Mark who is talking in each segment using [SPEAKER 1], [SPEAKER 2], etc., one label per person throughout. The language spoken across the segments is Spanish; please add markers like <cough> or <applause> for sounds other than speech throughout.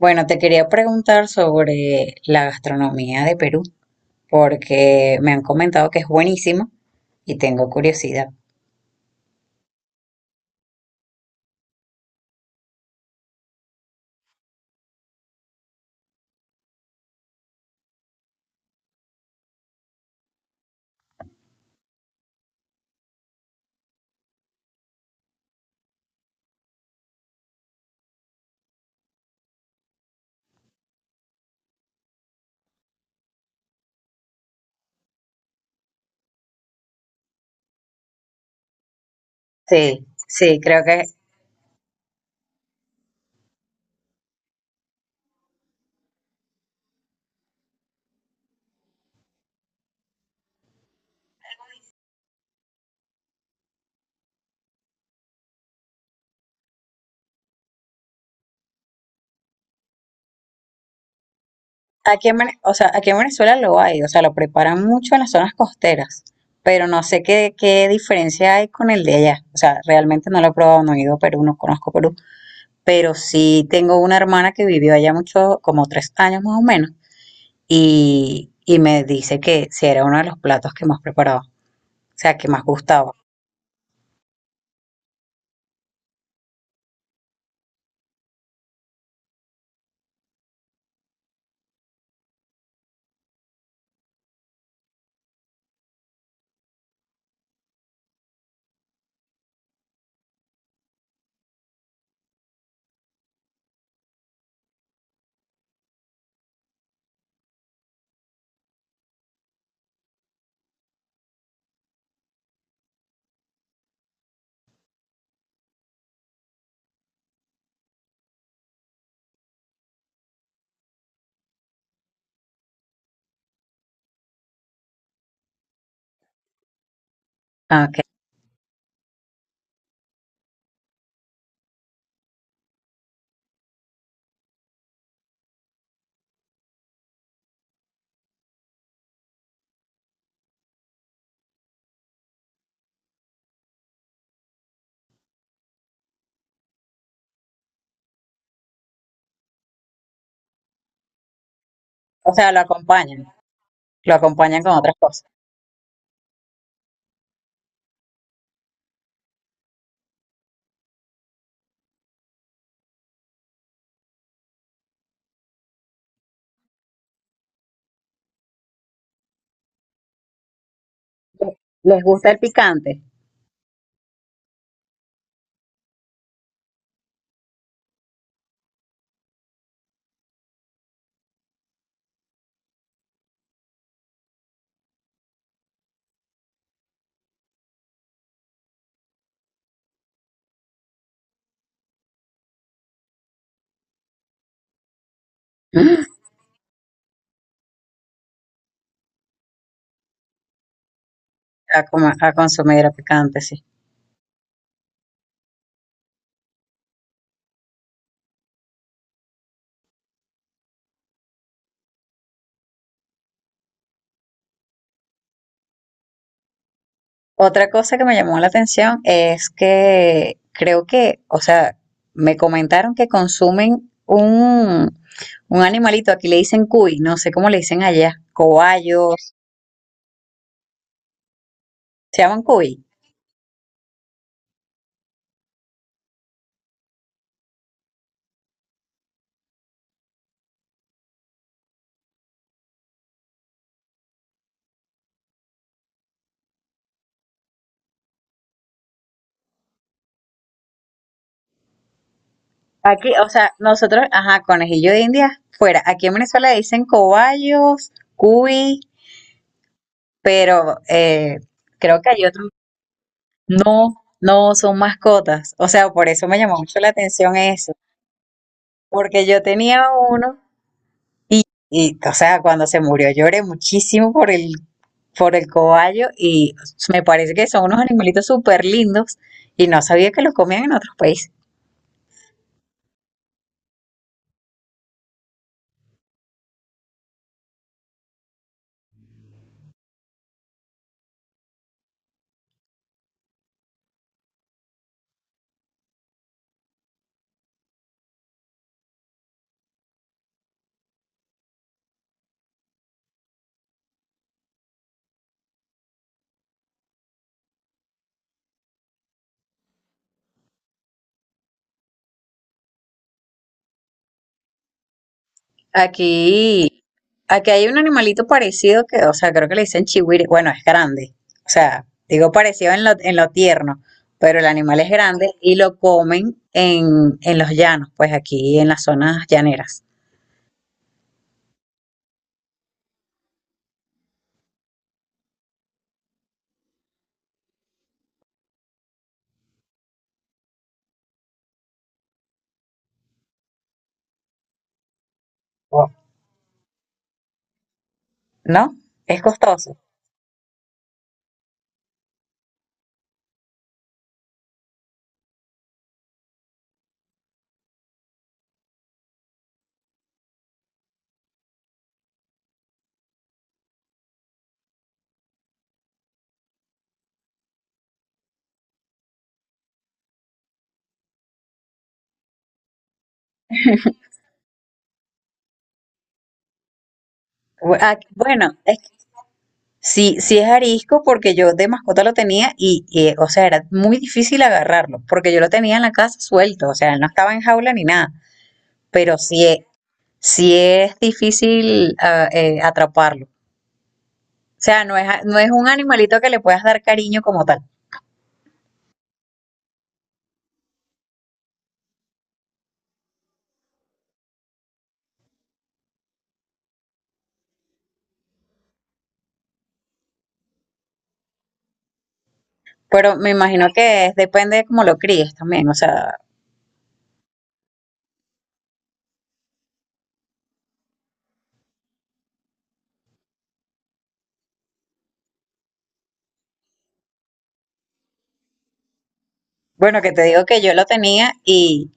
[SPEAKER 1] Bueno, te quería preguntar sobre la gastronomía de Perú, porque me han comentado que es buenísima y tengo curiosidad. Sí, sí, creo que aquí o sea, aquí en Venezuela lo hay, o sea, lo preparan mucho en las zonas costeras, pero no sé qué diferencia hay con el de allá. O sea, realmente no lo he probado, no he ido a Perú, no conozco Perú, pero sí tengo una hermana que vivió allá mucho, como tres años más o menos, y me dice que sí era uno de los platos que más preparaba. O sea, que más gustaba. Ah, ok. O sea, lo acompañan con otras cosas. ¿Les gusta el picante? <gasps> Mm. A consumir a picante, sí. Otra cosa que me llamó la atención es que creo que, o sea, me comentaron que consumen un animalito, aquí le dicen cuy, no sé cómo le dicen allá, cobayos, se llaman cuy. Aquí, o sea, nosotros, ajá, conejillo de India, fuera, aquí en Venezuela dicen cobayos, cuy, pero creo que hay otros. No, no son mascotas. O sea, por eso me llamó mucho la atención eso. Porque yo tenía uno y, o sea, cuando se murió lloré muchísimo por el cobayo y me parece que son unos animalitos súper lindos y no sabía que los comían en otros países. Aquí, aquí hay un animalito parecido que, o sea, creo que le dicen chihuire. Bueno, es grande. O sea, digo parecido en lo tierno, pero el animal es grande y lo comen en los llanos, pues aquí en las zonas llaneras. Wow. ¿No? Es costoso. Bueno, es que sí, sí es arisco porque yo de mascota lo tenía o sea, era muy difícil agarrarlo porque yo lo tenía en la casa suelto, o sea, él no estaba en jaula ni nada, pero sí, sí es difícil atraparlo. O sea, no es un animalito que le puedas dar cariño como tal. Pero me imagino que es- depende de cómo lo críes también. O sea, bueno, que te digo que yo lo tenía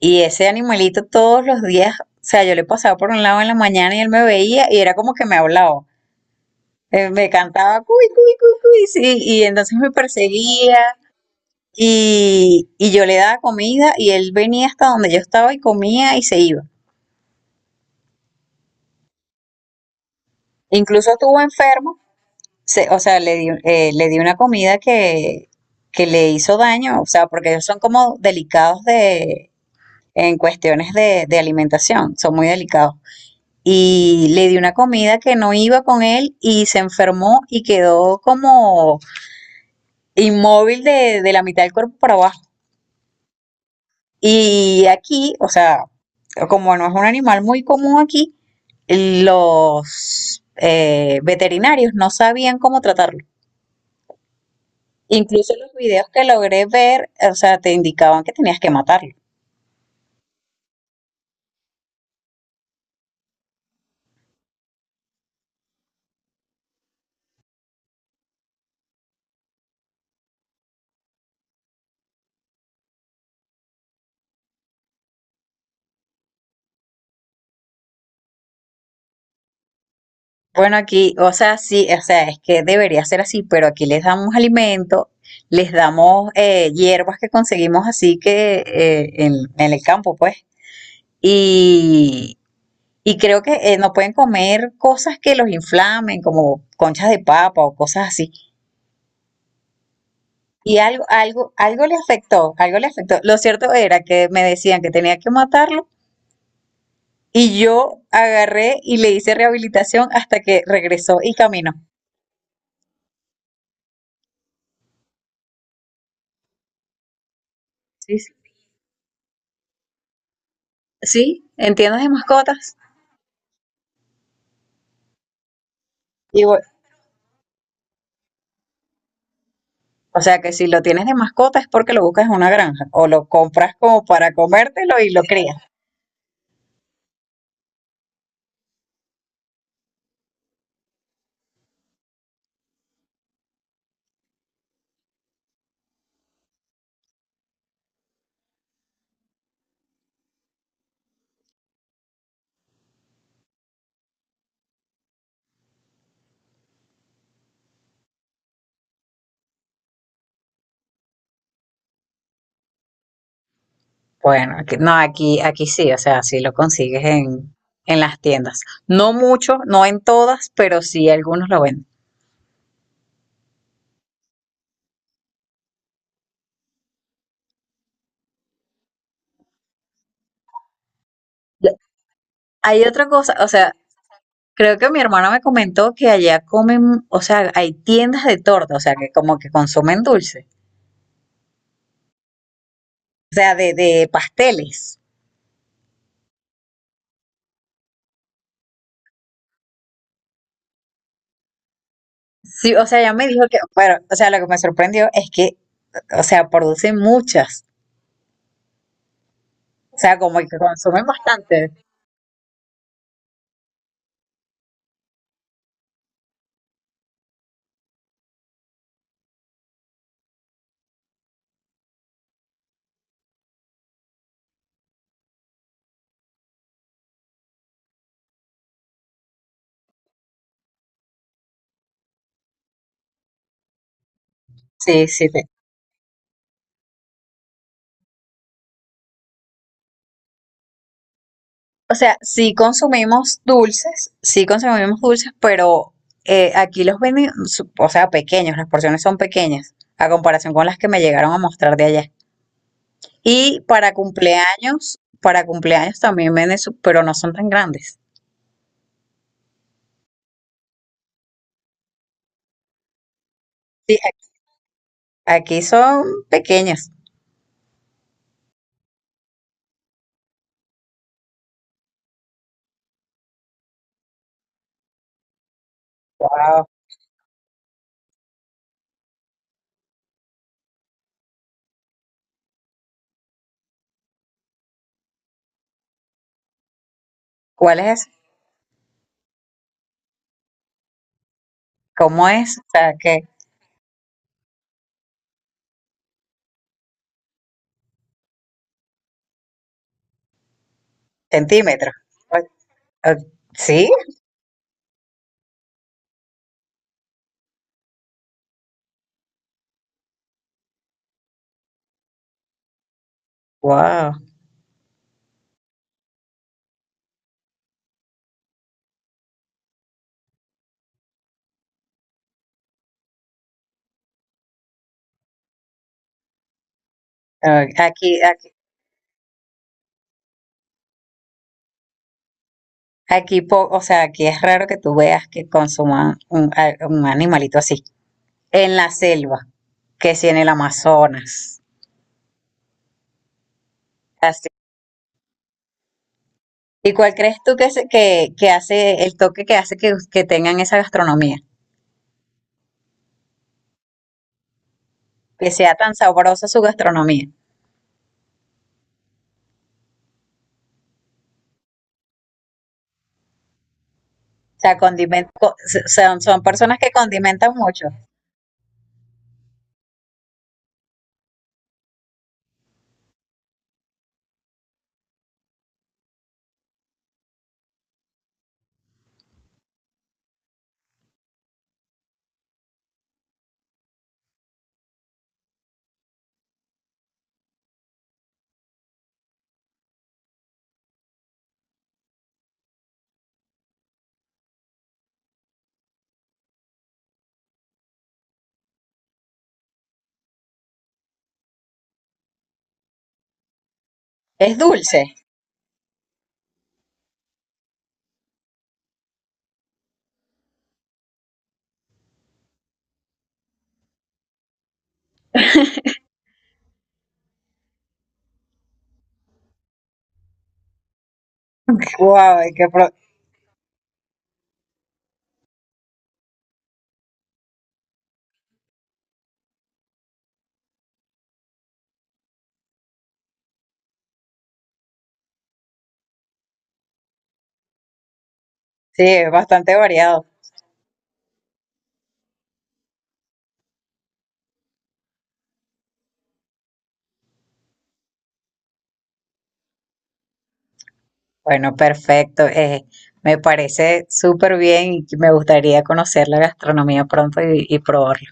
[SPEAKER 1] y ese animalito todos los días, o sea, yo le pasaba por un lado en la mañana y él me veía y era como que me hablaba. Me cantaba cuy, cuy, cuy, cuy, sí, y entonces me perseguía y yo le daba comida y él venía hasta donde yo estaba y comía y se iba. Incluso estuvo enfermo se- o sea, le di una comida que le hizo daño, o sea, porque ellos son como delicados de, en cuestiones de alimentación, son muy delicados. Y le di una comida que no iba con él y se enfermó y quedó como inmóvil de la mitad del cuerpo para abajo. Y aquí, o sea, como no es un animal muy común aquí, los veterinarios no sabían cómo tratarlo. Incluso los videos que logré ver, o sea, te indicaban que tenías que matarlo. Bueno, aquí, o sea, sí, o sea, es que debería ser así, pero aquí les damos alimento, les damos hierbas que conseguimos así que en el campo, pues. Y, y creo que no pueden comer cosas que los inflamen, como conchas de papa o cosas así. Y algo le afectó, algo le afectó. Lo cierto era que me decían que tenía que matarlo. Y yo agarré y le hice rehabilitación hasta que regresó y caminó. Sí, sí. ¿Sí? ¿Entiendes de mascotas? Y bu- o sea que si lo tienes de mascota es porque lo buscas en una granja o lo compras como para comértelo y lo crías. Bueno, aquí- no, aquí, aquí sí, o sea, sí lo consigues en las tiendas. No mucho, no en todas, pero sí algunos lo venden. Ya. Hay otra cosa, o sea, creo que mi hermana me comentó que allá comen, o sea, hay tiendas de torta, o sea, que como que consumen dulce. O sea, de pasteles. Sí, o sea, ella me dijo que, bueno, o sea, lo que me sorprendió es que, o sea, producen muchas, o sea, como que consumen bastante. Sí, sí, sí. O sea, sí consumimos dulces, pero aquí los venden, su- o sea, pequeños, las porciones son pequeñas, a comparación con las que me llegaron a mostrar de allá. Y para cumpleaños también venden, su- pero no son tan grandes. Sí, aquí son pequeñas. Wow. ¿Cuál es? ¿Cómo es? O sea, ¿qué? Centímetros. O- o- Sí, wow. Aquí, aquí, po- o sea, aquí es raro que tú veas que consuman un animalito así. En la selva, que si en el Amazonas. Así. ¿Y cuál crees tú que, se- que hace el toque que hace que tengan esa gastronomía? Que sea tan sabrosa su gastronomía. O sea, condimen- co- s- son, son personas que condimentan mucho. Es dulce. <laughs> Wow, qué pro- sí, es bastante variado. Bueno, perfecto. Me parece súper bien y me gustaría conocer la gastronomía pronto y probarla.